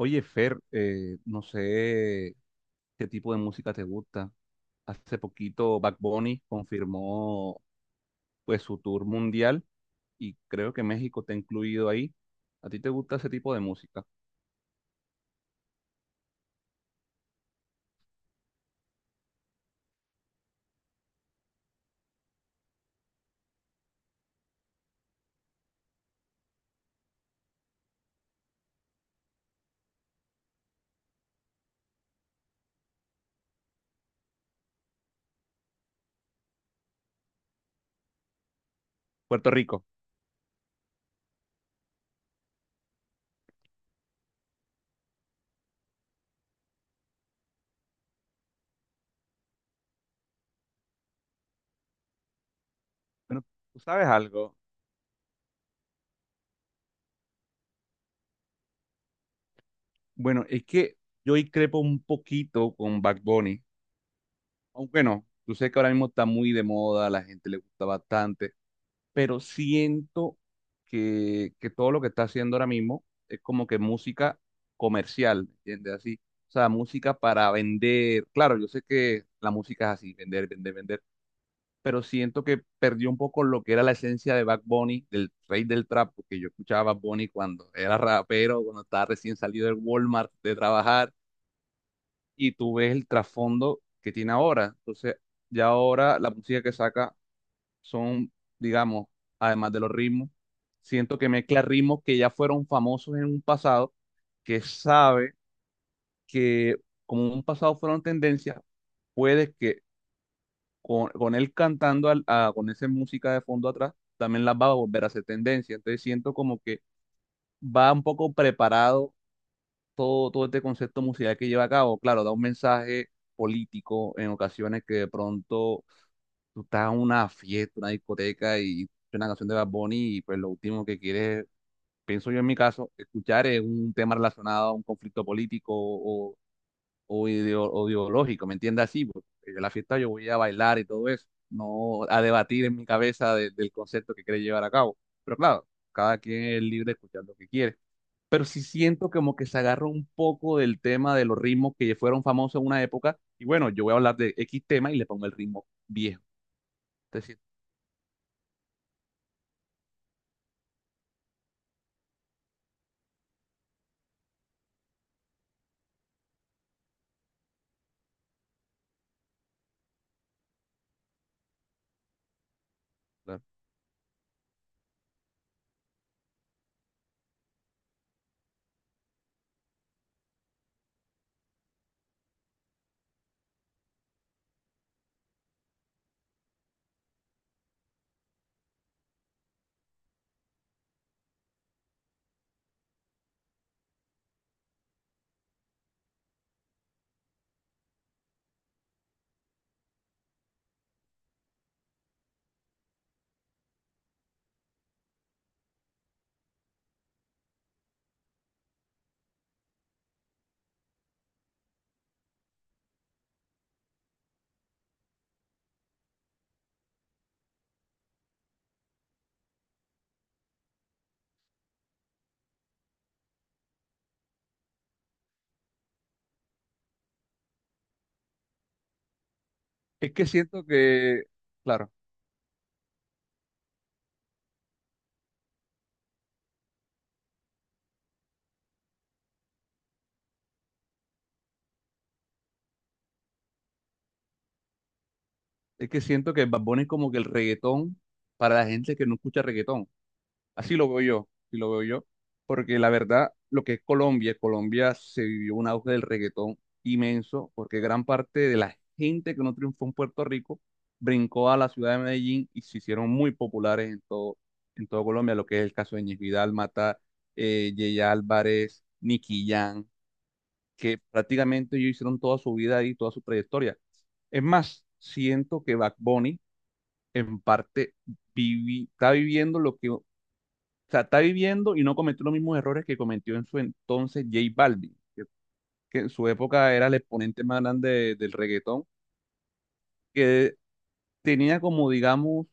Oye, Fer, no sé qué tipo de música te gusta. Hace poquito Bad Bunny confirmó pues su tour mundial y creo que México te ha incluido ahí. ¿A ti te gusta ese tipo de música? Puerto Rico. Bueno, tú sabes algo. Bueno, es que yo ahí crepo un poquito con Bad Bunny. Aunque no, tú sé que ahora mismo está muy de moda, a la gente le gusta bastante, pero siento que todo lo que está haciendo ahora mismo es como que música comercial, ¿me ¿entiendes? Así, o sea, música para vender. Claro, yo sé que la música es así, vender, vender, vender, pero siento que perdió un poco lo que era la esencia de Bad Bunny, del rey del trap, porque yo escuchaba a Bad Bunny cuando era rapero, cuando estaba recién salido del Walmart de trabajar, y tú ves el trasfondo que tiene ahora. Entonces, ya ahora la música que saca son, digamos, además de los ritmos, siento que mezcla ritmos que ya fueron famosos en un pasado, que sabe que como en un pasado fueron tendencias, puede que con él cantando con esa música de fondo atrás, también las va a volver a hacer tendencia. Entonces siento como que va un poco preparado todo este concepto musical que lleva a cabo. Claro, da un mensaje político en ocasiones que de pronto tú estás en una fiesta, una discoteca y escuchas una canción de Bad Bunny y pues lo último que quieres, pienso yo en mi caso, escuchar es un tema relacionado a un conflicto político o, o ideológico, ¿me entiendes? Así, porque en la fiesta yo voy a bailar y todo eso, no a debatir en mi cabeza del concepto que quiere llevar a cabo. Pero claro, cada quien es libre de escuchar lo que quiere. Pero sí siento como que se agarró un poco del tema de los ritmos que fueron famosos en una época. Y bueno, yo voy a hablar de X tema y le pongo el ritmo viejo. Entonces, Es que siento que, claro, es que siento que Bad Bunny es como que el reggaetón para la gente que no escucha reggaetón. Así lo veo yo, así lo veo yo. Porque la verdad, lo que es Colombia, Colombia se vivió un auge del reggaetón inmenso, porque gran parte de la gente que no triunfó en Puerto Rico brincó a la ciudad de Medellín y se hicieron muy populares en todo Colombia, lo que es el caso de Ñez Vidal, Mata, Yeye Álvarez, Nicky Jam, que prácticamente ellos hicieron toda su vida ahí, toda su trayectoria. Es más, siento que Back Bunny en parte está viviendo lo que, o sea, está viviendo y no cometió los mismos errores que cometió en su entonces J Balvin, que en su época era el exponente más grande del reggaetón, que tenía como, digamos,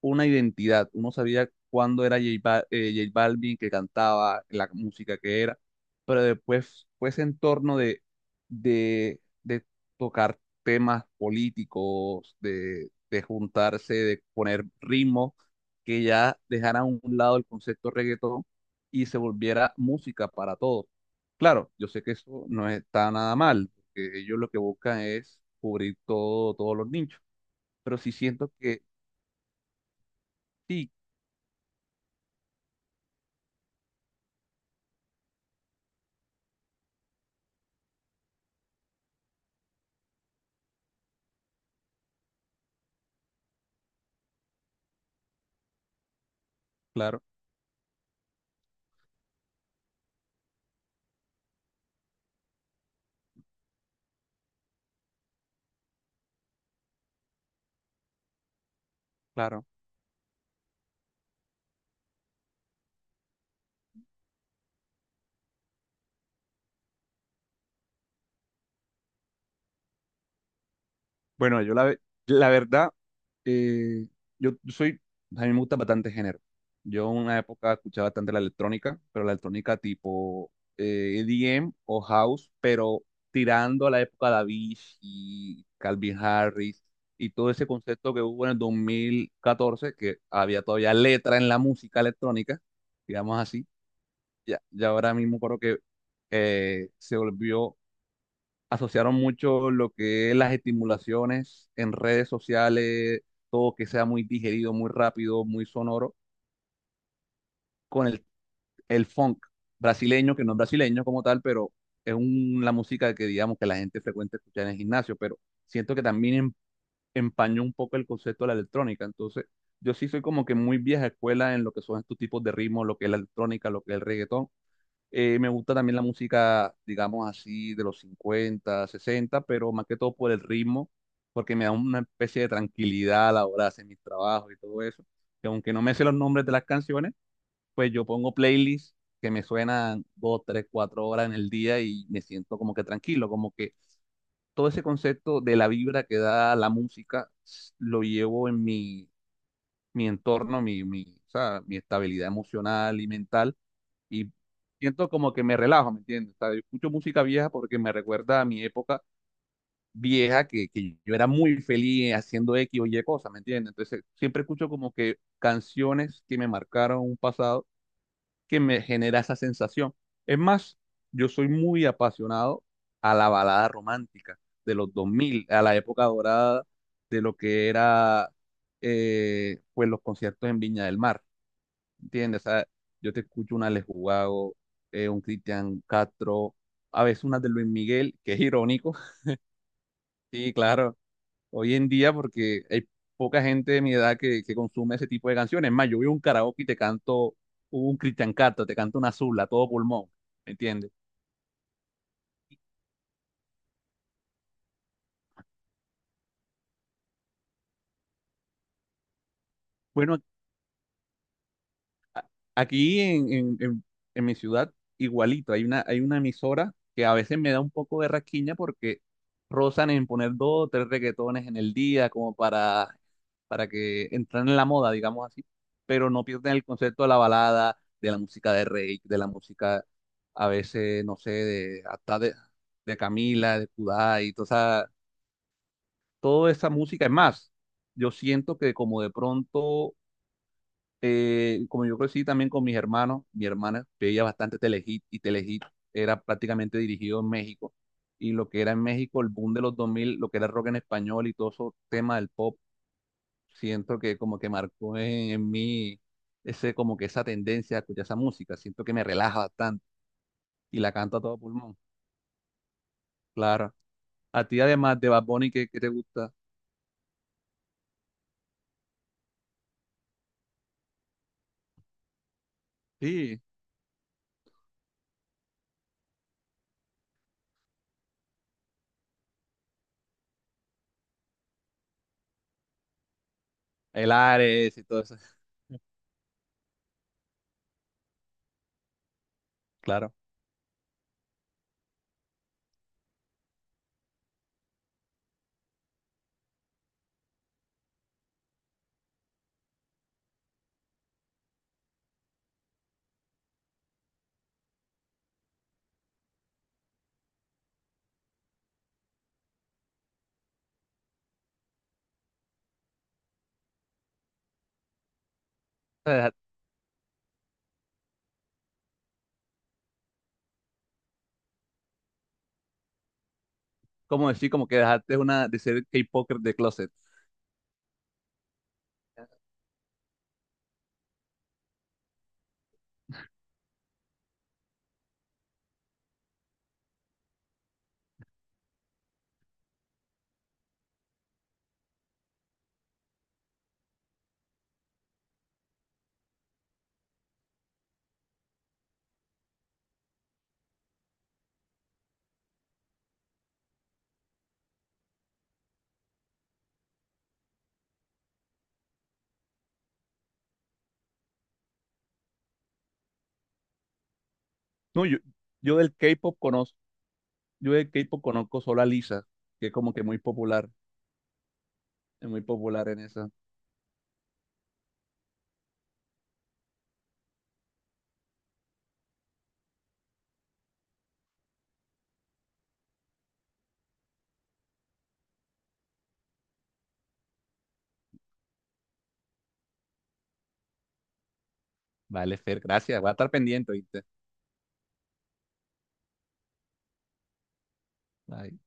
una identidad. Uno sabía cuándo era J Balvin que cantaba, la música que era, pero después fue ese entorno de, de tocar temas políticos, de juntarse, de poner ritmo, que ya dejara a un lado el concepto reggaetón y se volviera música para todos. Claro, yo sé que eso no está nada mal, porque ellos lo que buscan es cubrir todo, todos los nichos, pero sí siento que sí, claro, claro. Bueno, yo la verdad, eh, yo soy, a mí me gusta bastante género. Yo en una época escuchaba bastante la electrónica, pero la electrónica tipo EDM o house, pero tirando a la época de Avicii, Calvin Harris y todo ese concepto que hubo en el 2014 que había todavía letra en la música electrónica, digamos así. Ya, ya ahora mismo creo que se volvió asociaron mucho lo que es las estimulaciones en redes sociales, todo que sea muy digerido, muy rápido, muy sonoro, con el funk brasileño, que no es brasileño como tal, pero la música que digamos que la gente frecuente escucha en el gimnasio, pero siento que también empañó un poco el concepto de la electrónica. Entonces, yo sí soy como que muy vieja escuela en lo que son estos tipos de ritmos, lo que es la electrónica, lo que es el reggaetón. Me gusta también la música, digamos así, de los 50 sesenta, pero más que todo por el ritmo, porque me da una especie de tranquilidad a la hora de hacer mis trabajos y todo eso. Que aunque no me sé los nombres de las canciones, pues yo pongo playlists que me suenan 2, 3, 4 horas en el día y me siento como que tranquilo, como que todo ese concepto de la vibra que da la música lo llevo en mi entorno, o sea, mi estabilidad emocional y mental y siento como que me relajo, ¿me entiendes? O sea, yo escucho música vieja porque me recuerda a mi época vieja que yo era muy feliz haciendo X o Y cosas, ¿me entiendes? Entonces siempre escucho como que canciones que me marcaron un pasado que me genera esa sensación. Es más, yo soy muy apasionado a la balada romántica de los dos mil a la época dorada de lo que era pues los conciertos en Viña del Mar. ¿Entiendes? O sea, yo te escucho una Les Jugago, un Cristian Castro, a veces una de Luis Miguel, que es irónico. Sí, claro, hoy en día porque hay poca gente de mi edad que consume ese tipo de canciones. Es más, yo voy a un karaoke y te canto un Cristian Castro, te canto una Zula, todo pulmón, ¿me entiendes? Bueno, aquí en mi ciudad, igualito, hay una emisora que a veces me da un poco de rasquiña porque rozan en poner dos o tres reggaetones en el día como para que entren en la moda, digamos así, pero no pierden el concepto de la balada, de la música de Rey, de la música a veces, no sé, hasta de Camila, de Kudai, esa, toda esa música. Es más, yo siento que como de pronto como yo crecí también con mis hermanos, mi hermana veía bastante Telehit y Telehit era prácticamente dirigido en México. Y lo que era en México, el boom de los 2000 lo que era rock en español y todo eso tema del pop, siento que como que marcó en mí ese, como que esa tendencia a escuchar esa música. Siento que me relaja bastante y la canto a todo pulmón. Claro. A ti, además de Bad Bunny, ¿qué te gusta? Sí, el Ares y todo eso. Claro. O sea, como decir, como que dejaste una de ser K-Poker de closet. No, yo del K-pop conozco, yo del K-pop conozco solo a Lisa, que es como que muy popular, es muy popular en esa. Vale, Fer, gracias, voy a estar pendiente, ¿viste? Bye.